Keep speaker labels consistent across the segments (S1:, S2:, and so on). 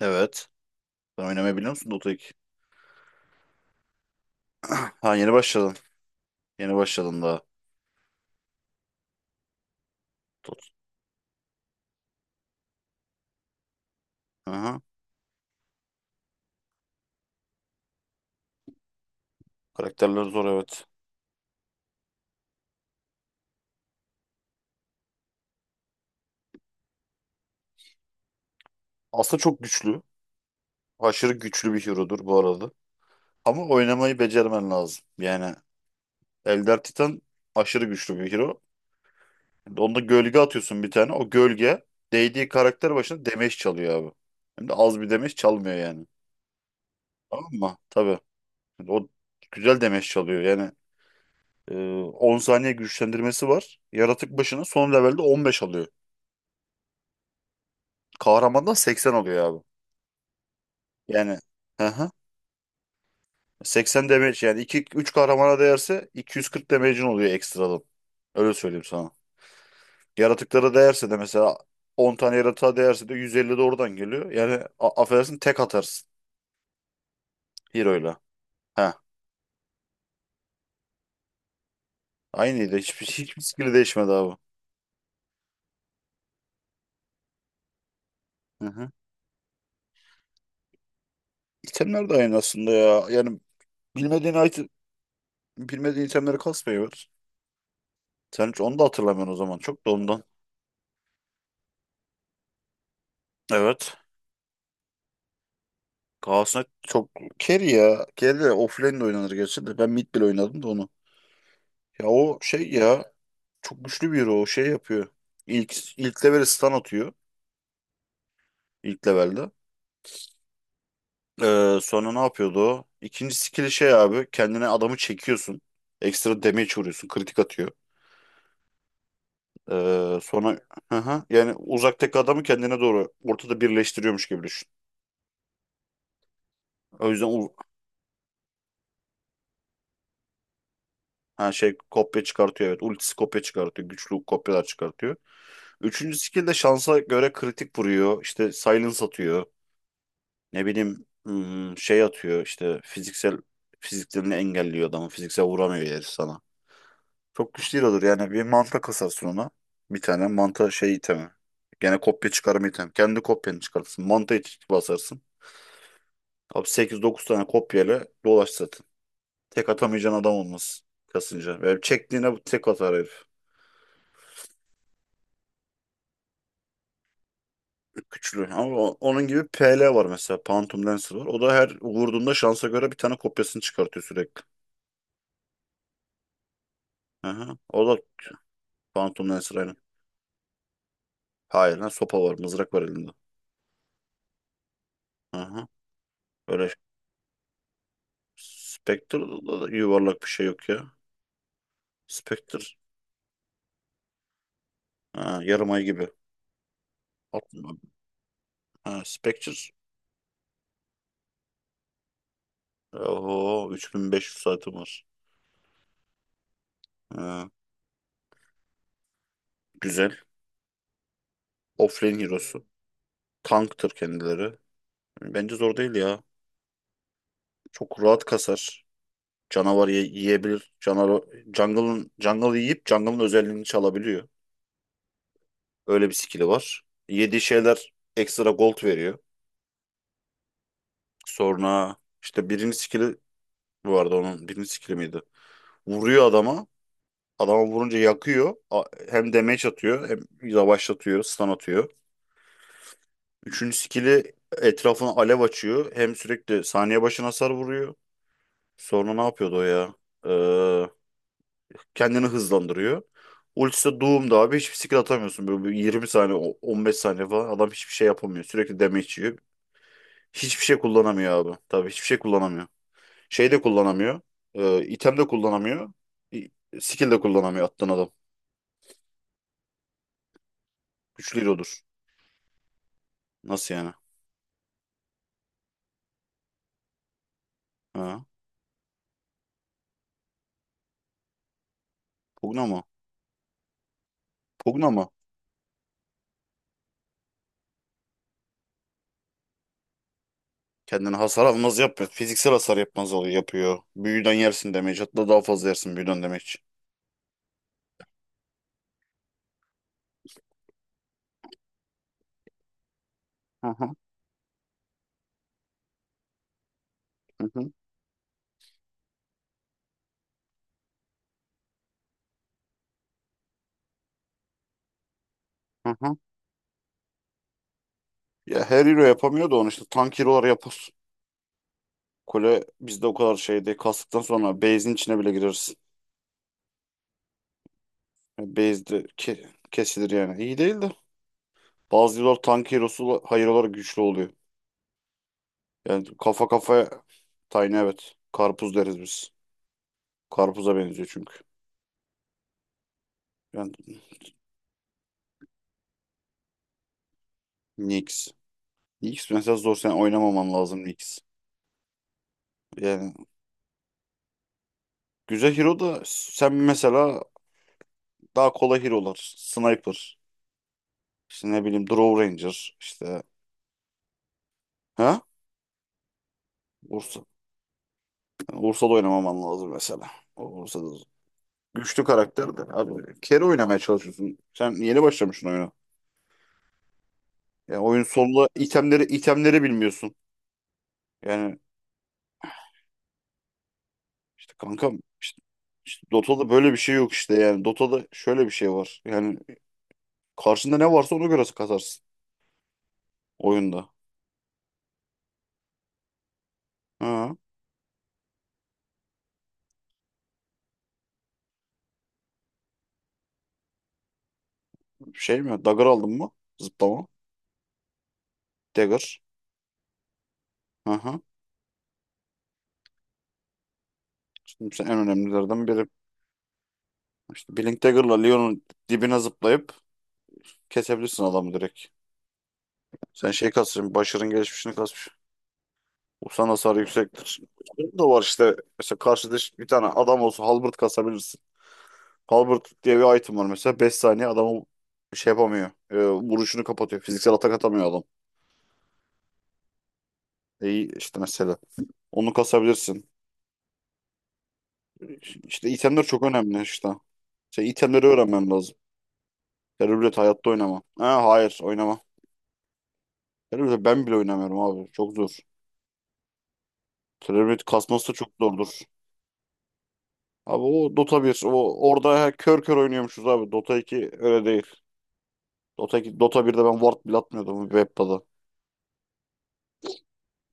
S1: Evet. Sen oynamayı biliyor musun Dota 2? Ha yeni başladın. Yeni başladın daha. Dota. Aha. Karakterler zor, evet. Aslında çok güçlü. Aşırı güçlü bir hero'dur bu arada. Ama oynamayı becermen lazım. Yani Elder Titan aşırı güçlü bir hero. Onda gölge atıyorsun bir tane. O gölge değdiği karakter başına damage çalıyor abi. Hem de az bir damage çalmıyor yani. Tamam mı? Tabii. Şimdi o güzel damage çalıyor. Yani e, 10 saniye güçlendirmesi var. Yaratık başına son levelde 15 alıyor. Kahramandan 80 oluyor abi. Yani hı hı. 80 damage, yani 2 3 kahramana değerse 240 damage'in oluyor ekstradan. Öyle söyleyeyim sana. Yaratıklara değerse de, mesela 10 tane yaratığa değerse de 150 de oradan geliyor. Yani affedersin, tek atarsın hero'yla. Ha. Aynıydı. Hiçbir skill'i değişmedi abi. Hı hı. İtemler de aynı aslında ya. Yani bilmediğin item, bilmediğin itemleri kasmayı ver. Sen hiç onu da hatırlamıyorsun o zaman. Çok da ondan. Evet. Galatasaray çok carry ya. Carry de offlane de oynanır gerçi de. Ben mid bile oynadım da onu. Ya o şey ya, çok güçlü bir hero. O şey yapıyor. İlk level'e stun atıyor. İlk levelde. Sonra ne yapıyordu o? İkinci skill'i şey abi. Kendine adamı çekiyorsun. Ekstra damage vuruyorsun. Kritik atıyor. Sonra hı hı, yani uzaktaki adamı kendine doğru ortada birleştiriyormuş gibi düşün. O yüzden ha, şey, kopya çıkartıyor, evet. Ultisi kopya çıkartıyor. Güçlü kopyalar çıkartıyor. Üçüncü skill de şansa göre kritik vuruyor. İşte silence atıyor. Ne bileyim, hmm, şey atıyor işte, fiziklerini engelliyor adamı. Fiziksel vuramıyor herif sana. Çok güçlü olur yani, bir manta kasarsın ona. Bir tane manta şey itemi. Gene kopya çıkarma itemi. Kendi kopyanı çıkartırsın. Manta iç basarsın. Abi 8-9 tane kopyayla dolaş zaten. Tek atamayacağın adam olmaz kasınca. Ve çektiğine tek atar herif. Güçlü. Ama onun gibi PL var mesela. Phantom Lancer var. O da her vurduğunda şansa göre bir tane kopyasını çıkartıyor sürekli. Aha. O da Phantom Lancer aynı. Hayır lan, sopa var. Mızrak var elinde. Aha. Öyle. Spectre'da da yuvarlak bir şey yok ya. Spectre. Ha, yarım ay gibi. Atma. Ha, Spectre. Oho, 3.500 saatim var. Ha, güzel. Offlane hero'su. Tanktır kendileri. Bence zor değil ya. Çok rahat kasar. Canavar yiyebilir. Canavar jungle yiyip jungle'ın özelliğini çalabiliyor. Öyle bir skill'i var. Yediği şeyler ekstra gold veriyor. Sonra işte birinci skill'i, bu arada onun birinci skill'i miydi? Vuruyor adama. Adama vurunca yakıyor. Hem damage atıyor, hem yavaşlatıyor, stun atıyor. Üçüncü skill'i etrafına alev açıyor. Hem sürekli saniye başına hasar vuruyor. Sonra ne yapıyordu o ya? Ee, Kendini hızlandırıyor. Ultisi de Doom'da abi, hiçbir skill atamıyorsun. Böyle bir 20 saniye, 15 saniye falan adam hiçbir şey yapamıyor. Sürekli damage yiyor. Hiçbir şey kullanamıyor abi. Tabii hiçbir şey kullanamıyor. Şey de kullanamıyor. İtem de kullanamıyor. i- Skill de kullanamıyor attığın adam. Güçlü hero'dur. Nasıl yani? Ha? Pugna mı? Pugna mı? Kendine hasar almaz yapmıyor. Fiziksel hasar yapmaz oluyor, yapıyor. Büyüden yersin damage. Hatta daha fazla yersin büyüden damage. Hı hı, hı hı, hı hı. Ya her hero yapamıyor da onu, işte tank hero'lar yap. Kule bizde o kadar şey değil. Kastıktan sonra base'in içine bile gireriz. Yani base de kesilir yani. İyi değil de. Bazı yıllar tank hero'su hayır olarak güçlü oluyor. Yani kafa kafaya. Tiny, evet. Karpuz deriz biz. Karpuza benziyor çünkü. Yani Nyx. Nyx mesela zor, sen oynamaman lazım Nyx. Yani güzel hero da, sen mesela daha kolay hero'lar. Sniper. İşte ne bileyim, Draw Ranger. İşte. Ha? Ursa. Ursa da oynamaman lazım mesela. O Ursa da güçlü karakter de. Abi kere oynamaya çalışıyorsun. Sen yeni başlamışsın oyuna. Ya oyun sonunda itemleri bilmiyorsun. Yani işte kankam, işte, işte Dota'da böyle bir şey yok işte yani. Dota'da şöyle bir şey var. Yani karşında ne varsa ona göre kazarsın oyunda. Ha, şey mi? Dagger aldın mı? Zıplama. Dagger. Hı hı. Şimdi sen en önemlilerden biri. İşte Blink Dagger'la Leon'un dibine zıplayıp kesebilirsin adamı direkt. Sen şey kasmışsın, Başar'ın gelişmişini kasmış. Sen hasar yüksektir. Bu da var işte. Mesela karşıda bir tane adam olsa halberd kasabilirsin. Halberd diye bir item var mesela. Beş saniye adamı şey yapamıyor. Vuruşunu kapatıyor. Fiziksel atak atamıyor adam. E, işte mesela. Onu kasabilirsin. İşte itemler çok önemli işte. İşte itemleri öğrenmem lazım. Terörblet hayatta oynama. Ha, hayır oynama. Terörblet ben bile oynamıyorum abi. Çok zor. Terörblet kasması da çok zordur. Abi o Dota 1. O, orada kör kör oynuyormuşuz abi. Dota 2 öyle değil. Dota, Dota 1'de ben ward bile atmıyordum Webda'da.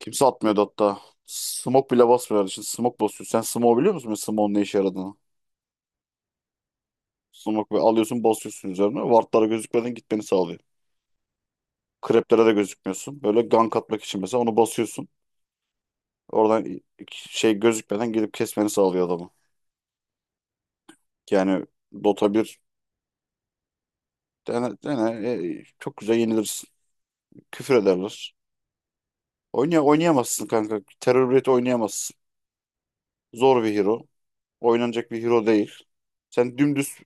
S1: Kimse atmıyordu hatta. Smoke bile basmıyorlar. Şimdi smoke basıyor. Sen smoke biliyor musun? Smoke'un ne işe yaradığını. Smoke böyle alıyorsun, basıyorsun üzerine. Ward'lara gözükmeden gitmeni sağlıyor. Creep'lere de gözükmüyorsun. Böyle gank atmak için mesela onu basıyorsun. Oradan şey, gözükmeden gelip kesmeni sağlıyor adamı. Yani Dota bir dene, çok güzel yenilirsin. Küfür ederler. Oynayamazsın kanka. Terör Raid oynayamazsın. Zor bir hero. Oynanacak bir hero değil. Sen dümdüz.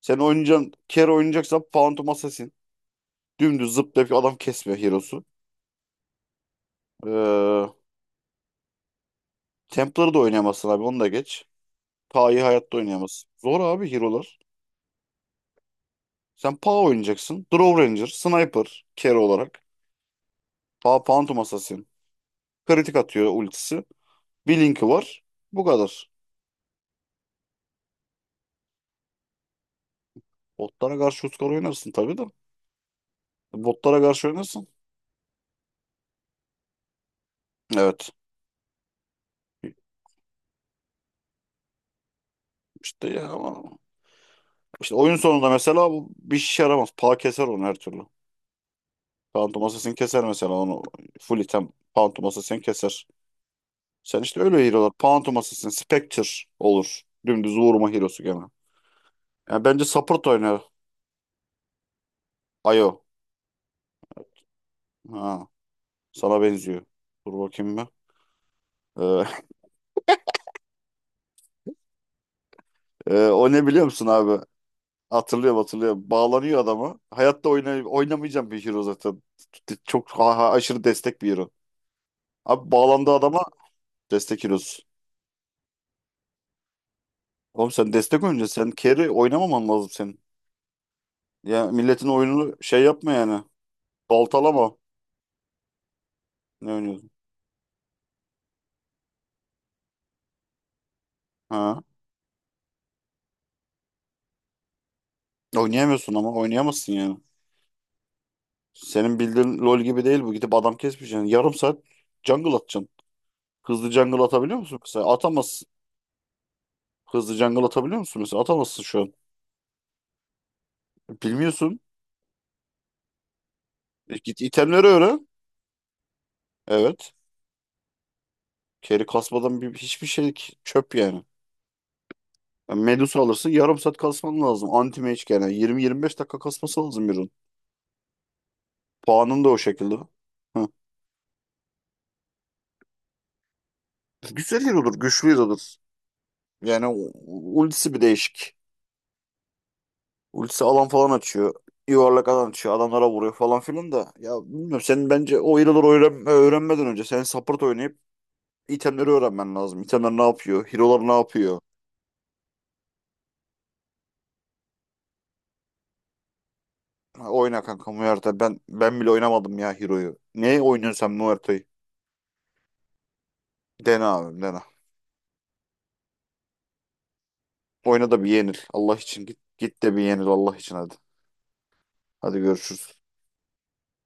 S1: Sen oynayacaksın. Kero oynayacaksan Phantom Assassin. Dümdüz zıplayıp adam kesmiyor Hero'su. Ee, Templar'ı da oynayamazsın abi, onu da geç. Pa'yı hayatta oynayamazsın. Zor abi Hero'lar. Sen Pa oynayacaksın. Draw Ranger, Sniper, Kero olarak. Pa Phantom Assassin. Kritik atıyor ultisi. Bir linki var. Bu kadar. Botlara karşı Uskar oynarsın tabii de. Botlara karşı oynarsın. Evet. İşte ya ama işte oyun sonunda mesela bu bir şey yaramaz. Pa keser onu her türlü. Pantoması sen keser mesela onu. Full item Pantoması sen keser. Sen işte öyle hero'lar. Pantoması sen Spectre olur. Dümdüz vurma hero'su gene. Yani bence support oynar. Ayo. Ha, sana benziyor. Dur bakayım bir. Ee, o ne biliyor musun abi? Hatırlıyorum. Bağlanıyor adamı. Hayatta oynamayacağım bir hero zaten. Çok aşırı destek bir hero. Abi bağlandığı adama destek hero'su. Oğlum sen destek oyuncu, carry oynamaman lazım senin. Ya milletin oyununu şey yapma yani. Baltalama. Ne oynuyorsun? Ha. Oynayamıyorsun, ama oynayamazsın yani. Senin bildiğin LoL gibi değil bu. Gidip adam kesmeyeceksin. Yani yarım saat jungle atacaksın. Hızlı jungle atabiliyor musun mesela? Atamazsın. Hızlı jungle atabiliyor musun mesela? Atamazsın şu an. Bilmiyorsun. Git itemleri öğren. Evet. Carry kasmadan bir, hiçbir şey çöp yani. Yani Medusa alırsın, yarım saat kasman lazım. Anti mage yani 20-25 dakika kasması lazım birinin. Puanın da o şekilde. Hı. Güzel yer olur, güçlü yer olur. Yani ultisi bir değişik. Ultisi alan falan açıyor. Yuvarlak alan açıyor. Adamlara vuruyor falan filan da. Ya bilmiyorum, senin bence o hero'ları öğrenmeden önce sen support oynayıp itemleri öğrenmen lazım. İtemler ne yapıyor? Hero'lar ne yapıyor? Ha, oyna kanka Muerta. Ben bile oynamadım ya hero'yu. Ne oynuyorsun sen Muerta'yı? Dene abi dene. Oyna da bir yenil. Allah için git. Git de bir yenil Allah için, hadi. Hadi görüşürüz.